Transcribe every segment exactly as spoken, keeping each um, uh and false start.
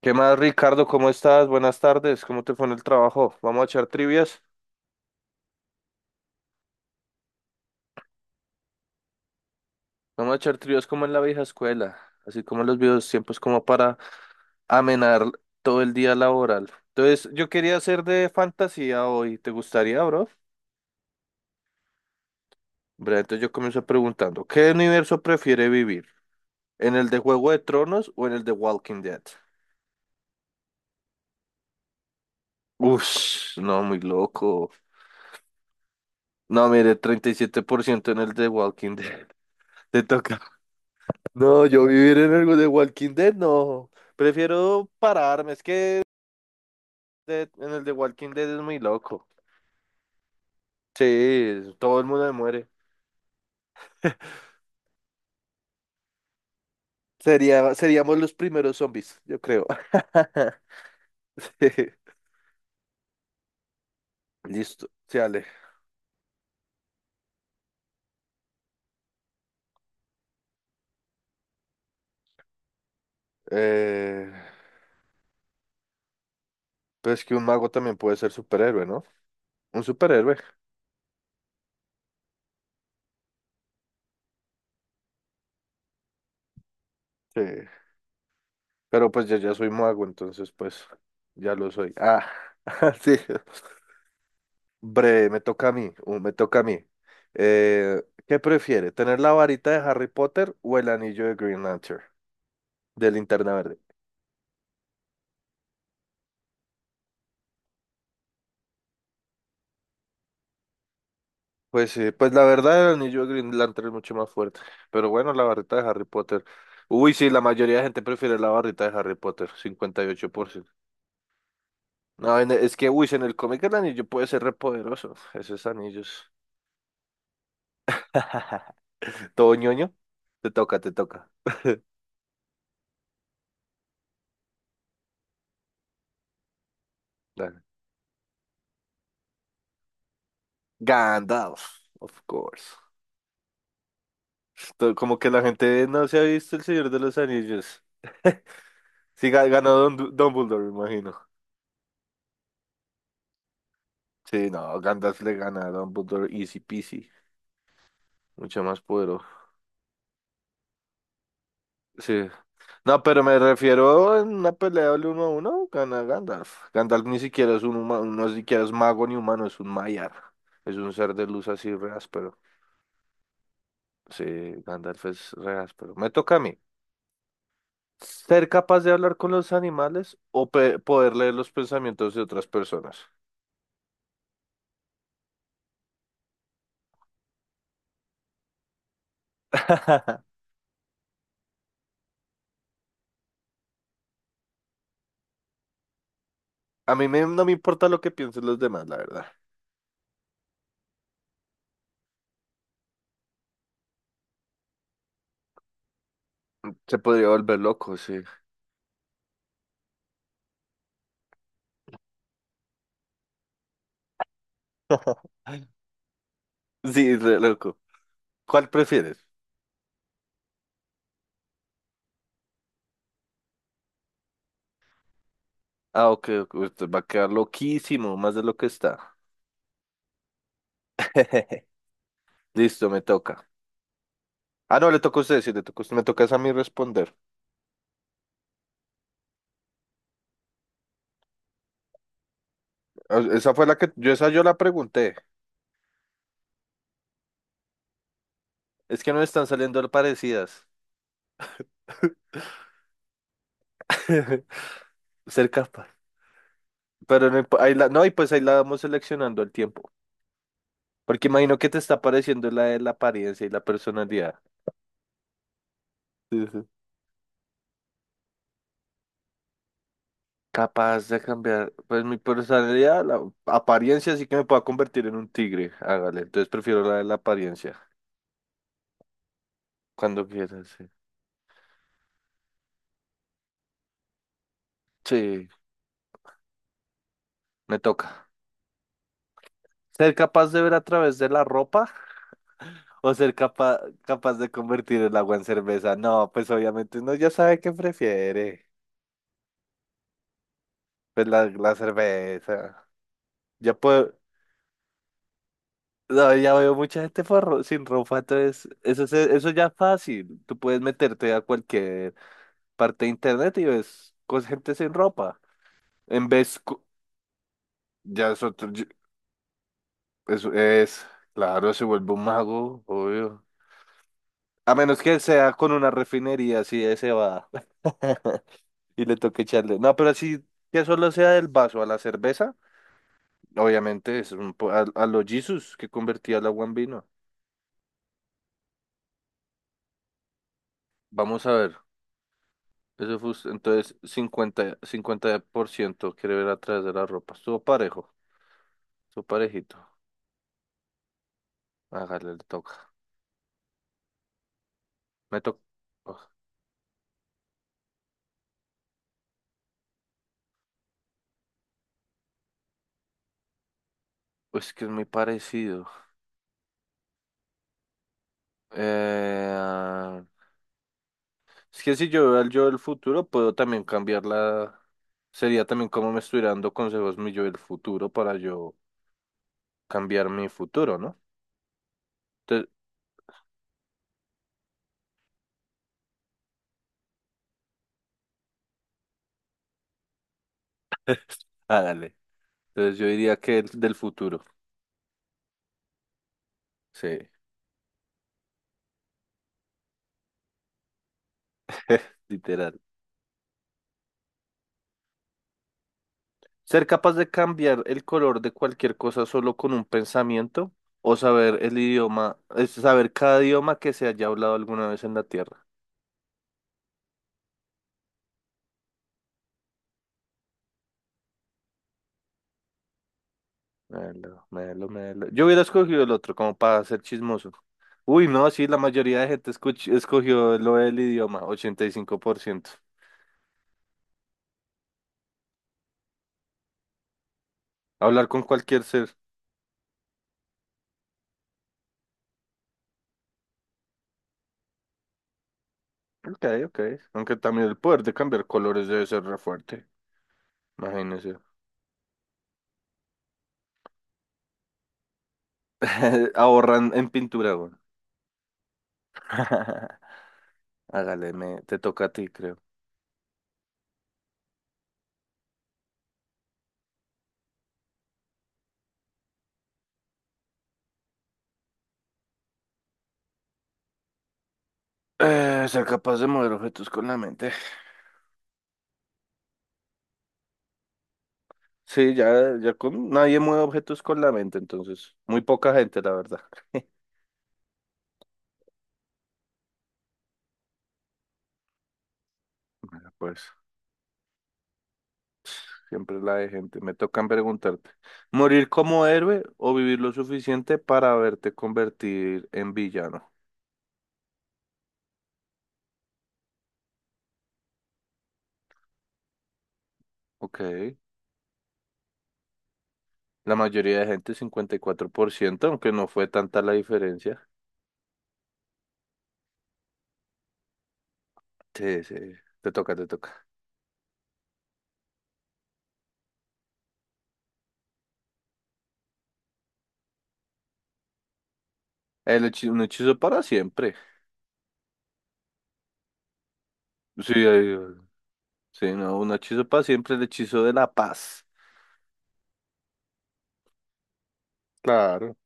¿Qué más, Ricardo? ¿Cómo estás? Buenas tardes. ¿Cómo te fue en el trabajo? Vamos a echar trivias. Vamos a echar trivias como en la vieja escuela, así como en los viejos tiempos, como para amenar todo el día laboral. Entonces, yo quería hacer de fantasía hoy. ¿Te gustaría, bro? Bre, entonces yo comienzo preguntando, ¿qué universo prefiere vivir? ¿En el de Juego de Tronos o en el de Walking Dead? Uf, no, muy loco. No, mire, treinta y siete por ciento en el de Walking Dead. Te toca. No, yo vivir en el de Walking Dead, no. Prefiero pararme. Es que de- en el de Walking Dead es muy loco. Sí, todo el mundo se muere. Sería, seríamos los primeros zombies, yo creo. Listo, sí, Ale. Eh, pues que un mago también puede ser superhéroe, ¿no? Un superhéroe. Sí. Pero pues yo ya soy mago, entonces pues ya lo soy. Ah, sí. Bre, me toca a mí, uh, me toca a mí. Eh, ¿Qué prefiere? ¿Tener la varita de Harry Potter o el anillo de Green Lantern, de Linterna Verde? Pues sí, pues la verdad el anillo de Green Lantern es mucho más fuerte. Pero bueno, la varita de Harry Potter. Uy, sí, la mayoría de gente prefiere la varita de Harry Potter, cincuenta y ocho por ciento. No, en- e, es que, uy, si en el cómic el anillo puede ser repoderoso, esos anillos. ¿Todo ñoño? Te toca, te toca. Dale. Gandalf, of course. To- Como que la gente no se ha visto El Señor de los Anillos. Sí, ga- ganó Don Du- Dumbledore, me imagino. Sí, no, Gandalf le gana a Dumbledore easy peasy. Mucho más poderoso. Sí. No, pero me refiero en una pelea del uno a uno, gana Gandalf. Gandalf ni siquiera es un humano, no ni siquiera es mago ni humano, es un Maiar. Es un ser de luz así re áspero. Sí, Gandalf es re áspero. Me toca a mí. ¿Ser capaz de hablar con los animales o pe- poder leer los pensamientos de otras personas? A mí me- no me importa lo que piensen los demás, la verdad. Se podría volver loco, sí. Sí, re loco. ¿Cuál prefieres? Ah, ok, ok, usted va a quedar loquísimo, más de lo que está. Listo, me toca. Ah, no, le toca a usted, sí, le toca a usted, me toca es a mí responder. Ah, esa fue la que, yo esa yo la pregunté. Es que no están saliendo parecidas. Ser capaz. Pero no, imp- ahí la, no, y pues ahí la vamos seleccionando el tiempo. Porque imagino que te está pareciendo la de la apariencia y la personalidad. Sí, sí. Capaz de cambiar, pues mi personalidad, la apariencia sí que me pueda convertir en un tigre, hágale. Entonces prefiero la de la apariencia, cuando quieras, sí. Sí, me toca. ¿Ser capaz de ver a través de la ropa o ser capa capaz de convertir el agua en cerveza? No, pues obviamente uno ya sabe qué prefiere. Pues la, la cerveza. Ya puedo, no, ya veo mucha gente por ro- sin ropa, entonces eso, se- eso ya es fácil. Tú puedes meterte a cualquier parte de internet y ves cos- gente sin ropa. En vez, cu- ya es otro, yo- eso es, claro, se vuelve un mago, obvio. A menos que sea con una refinería, así ese va. Y le toque echarle. No, pero así que solo sea del vaso a la cerveza, obviamente es un po- a, a los Jesus que convertía el agua en vino. Vamos a ver. Eso fue, us- entonces cincuenta, cincuenta por ciento quiere ver a través de la ropa. Estuvo parejo, estuvo parejito. Hágale, le toca. Me toca. Pues que es muy parecido. Eh, ah, es que si yo veo al yo del futuro, puedo también cambiarla. Sería también como me estuviera dando consejos mi yo del futuro para yo cambiar mi futuro, ¿no? Entonces, ah, dale. Entonces yo diría que el del futuro. Sí, literal. ¿Ser capaz de cambiar el color de cualquier cosa solo con un pensamiento o saber el idioma, es saber cada idioma que se haya hablado alguna vez en la Tierra? Melo, melo, melo. Yo hubiera escogido el otro, como para ser chismoso. Uy, no, sí, la mayoría de gente escuch- escogió lo del idioma, ochenta y cinco por ciento. Hablar con cualquier ser. Ok, ok. Aunque también el poder de cambiar colores debe ser re fuerte. Imagínese. Ahorran en pintura, güey. Hágale, me, te toca a ti, creo. Eh, ser capaz de mover objetos con la mente. Sí, ya, ya con nadie mueve objetos con la mente, entonces. Muy poca gente, la verdad. Bueno, pues. Siempre la de gente. Me tocan preguntarte, ¿morir como héroe o vivir lo suficiente para verte convertir en villano? Ok. La mayoría de gente, cincuenta y cuatro por ciento, aunque no fue tanta la diferencia. Sí, sí. Te toca, te toca. El hechi- un hechizo para siempre. Sí, eh, sí, no, un hechizo para siempre, el hechizo de la paz. Claro.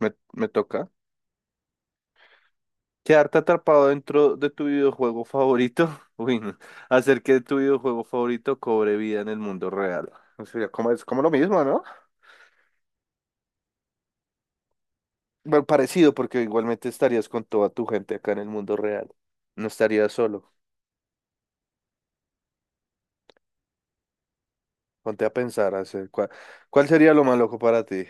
Me, me toca. Quedarte atrapado dentro de tu videojuego favorito, uy, no. Hacer que tu videojuego favorito cobre vida en el mundo real. O sea, como es como lo mismo, ¿no? Bueno, parecido, porque igualmente estarías con toda tu gente acá en el mundo real. No estarías solo. Ponte a pensar, hacer cuál, cuál sería lo más loco para ti.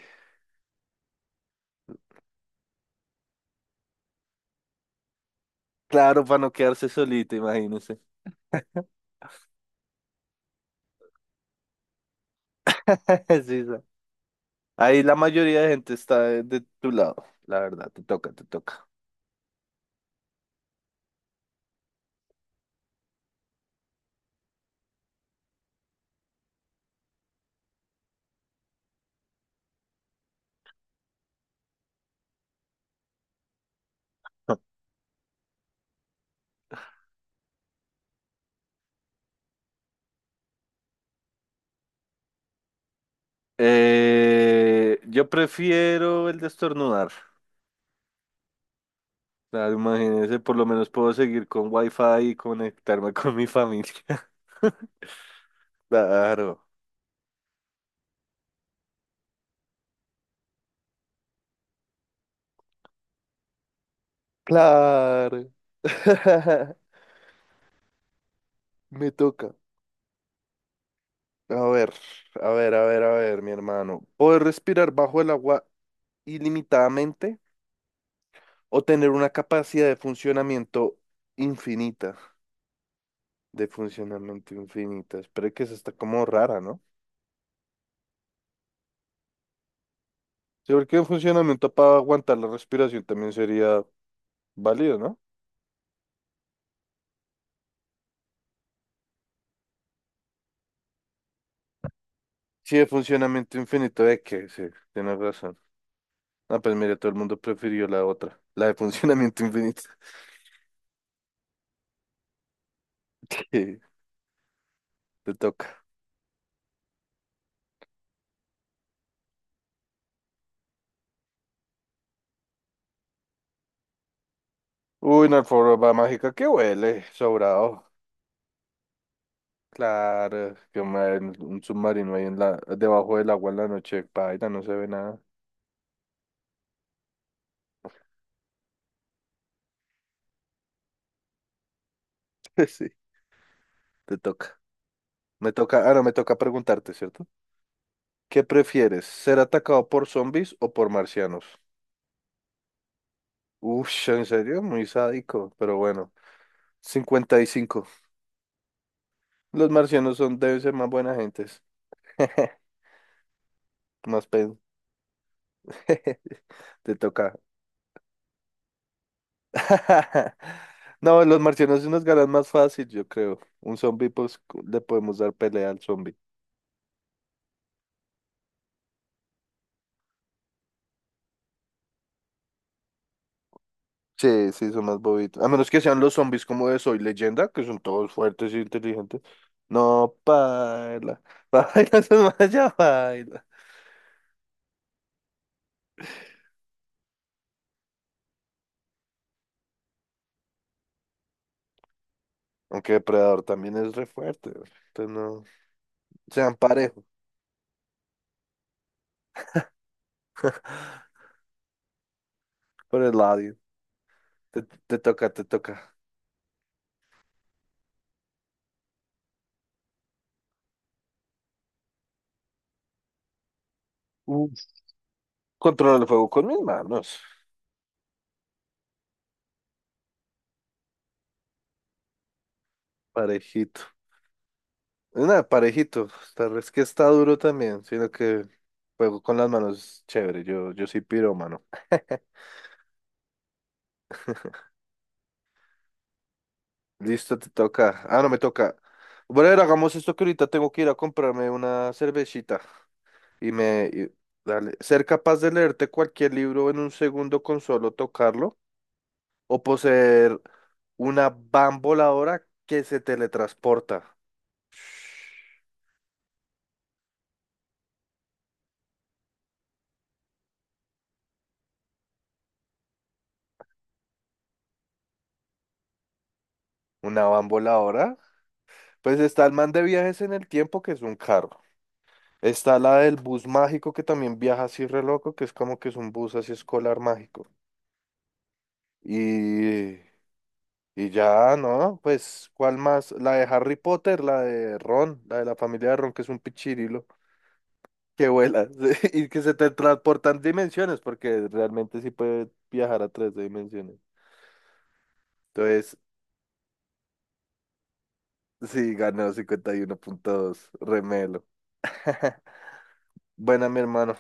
Claro, para no quedarse solito, imagínese. Sí, sí. Ahí la mayoría de gente está de, de tu lado, la verdad, te toca, te toca. Eh, yo prefiero el de estornudar. Claro, imagínese, por lo menos puedo seguir con wifi y conectarme con mi familia. Claro, claro. Me toca. A ver, a ver, a ver, a ver, mi hermano. ¿Poder respirar bajo el agua ilimitadamente o tener una capacidad de funcionamiento infinita? De funcionamiento infinita. Espero que esa está como rara, ¿no? Sí, porque un funcionamiento para aguantar la respiración también sería válido, ¿no? Sí, de funcionamiento infinito de que, sí, tienes razón. Ah, pues mira, todo el mundo prefirió la otra, la de funcionamiento infinito. Sí, te toca. Uy, una alfombra mágica que huele, sobrado. Claro, que ma- un submarino ahí en la, debajo del agua en la noche, paila, no se ve nada. Sí, te toca. Me toca, ah, no, me toca preguntarte, ¿cierto? ¿Qué prefieres, ser atacado por zombies o por marcianos? Uy, en serio, muy sádico, pero bueno, cincuenta y cinco. Los marcianos son, deben ser más buena gentes. Más pen. Te toca. No, los marcianos sí nos ganan más fácil, yo creo. Un zombie, pues le podemos dar pelea al zombie. Sí, sí, son más bobitos. A menos que sean los zombies como de Soy Leyenda, que son todos fuertes e inteligentes. No, paila. Paila, son más ya paila. Aunque Depredador también es re fuerte, güey. Entonces no. Sean parejos por el lado. Te, te toca, te toca. Controlar el fuego con mis manos. Parejito. Nada, parejito. Tal vez que está duro también, sino que fuego con las manos, chévere. Yo, yo soy pirómano. Listo, te toca. Ah, no me toca. Bueno, hagamos esto que ahorita tengo que ir a comprarme una cervecita y me... y- dale. Ser capaz de leerte cualquier libro en un segundo con solo tocarlo o poseer una van voladora que se teletransporta. ¿Una van voladora? Pues está el man de viajes en el tiempo, que es un carro. Está la del bus mágico, que también viaja así re loco, que es como que es un bus así escolar mágico. Y, y ya, ¿no? Pues, ¿cuál más? La de Harry Potter, la de Ron, la de la familia de Ron, que es un pichirilo que vuela y que se te transportan dimensiones, porque realmente sí puede viajar a tres dimensiones. Entonces, sí, ganó cincuenta y uno punto dos, remelo. Buena, mi hermano.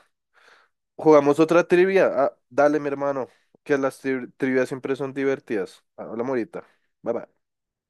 Jugamos otra trivia. Ah, dale, mi hermano, que las tri- trivias siempre son divertidas. Habla morita. Bye bye.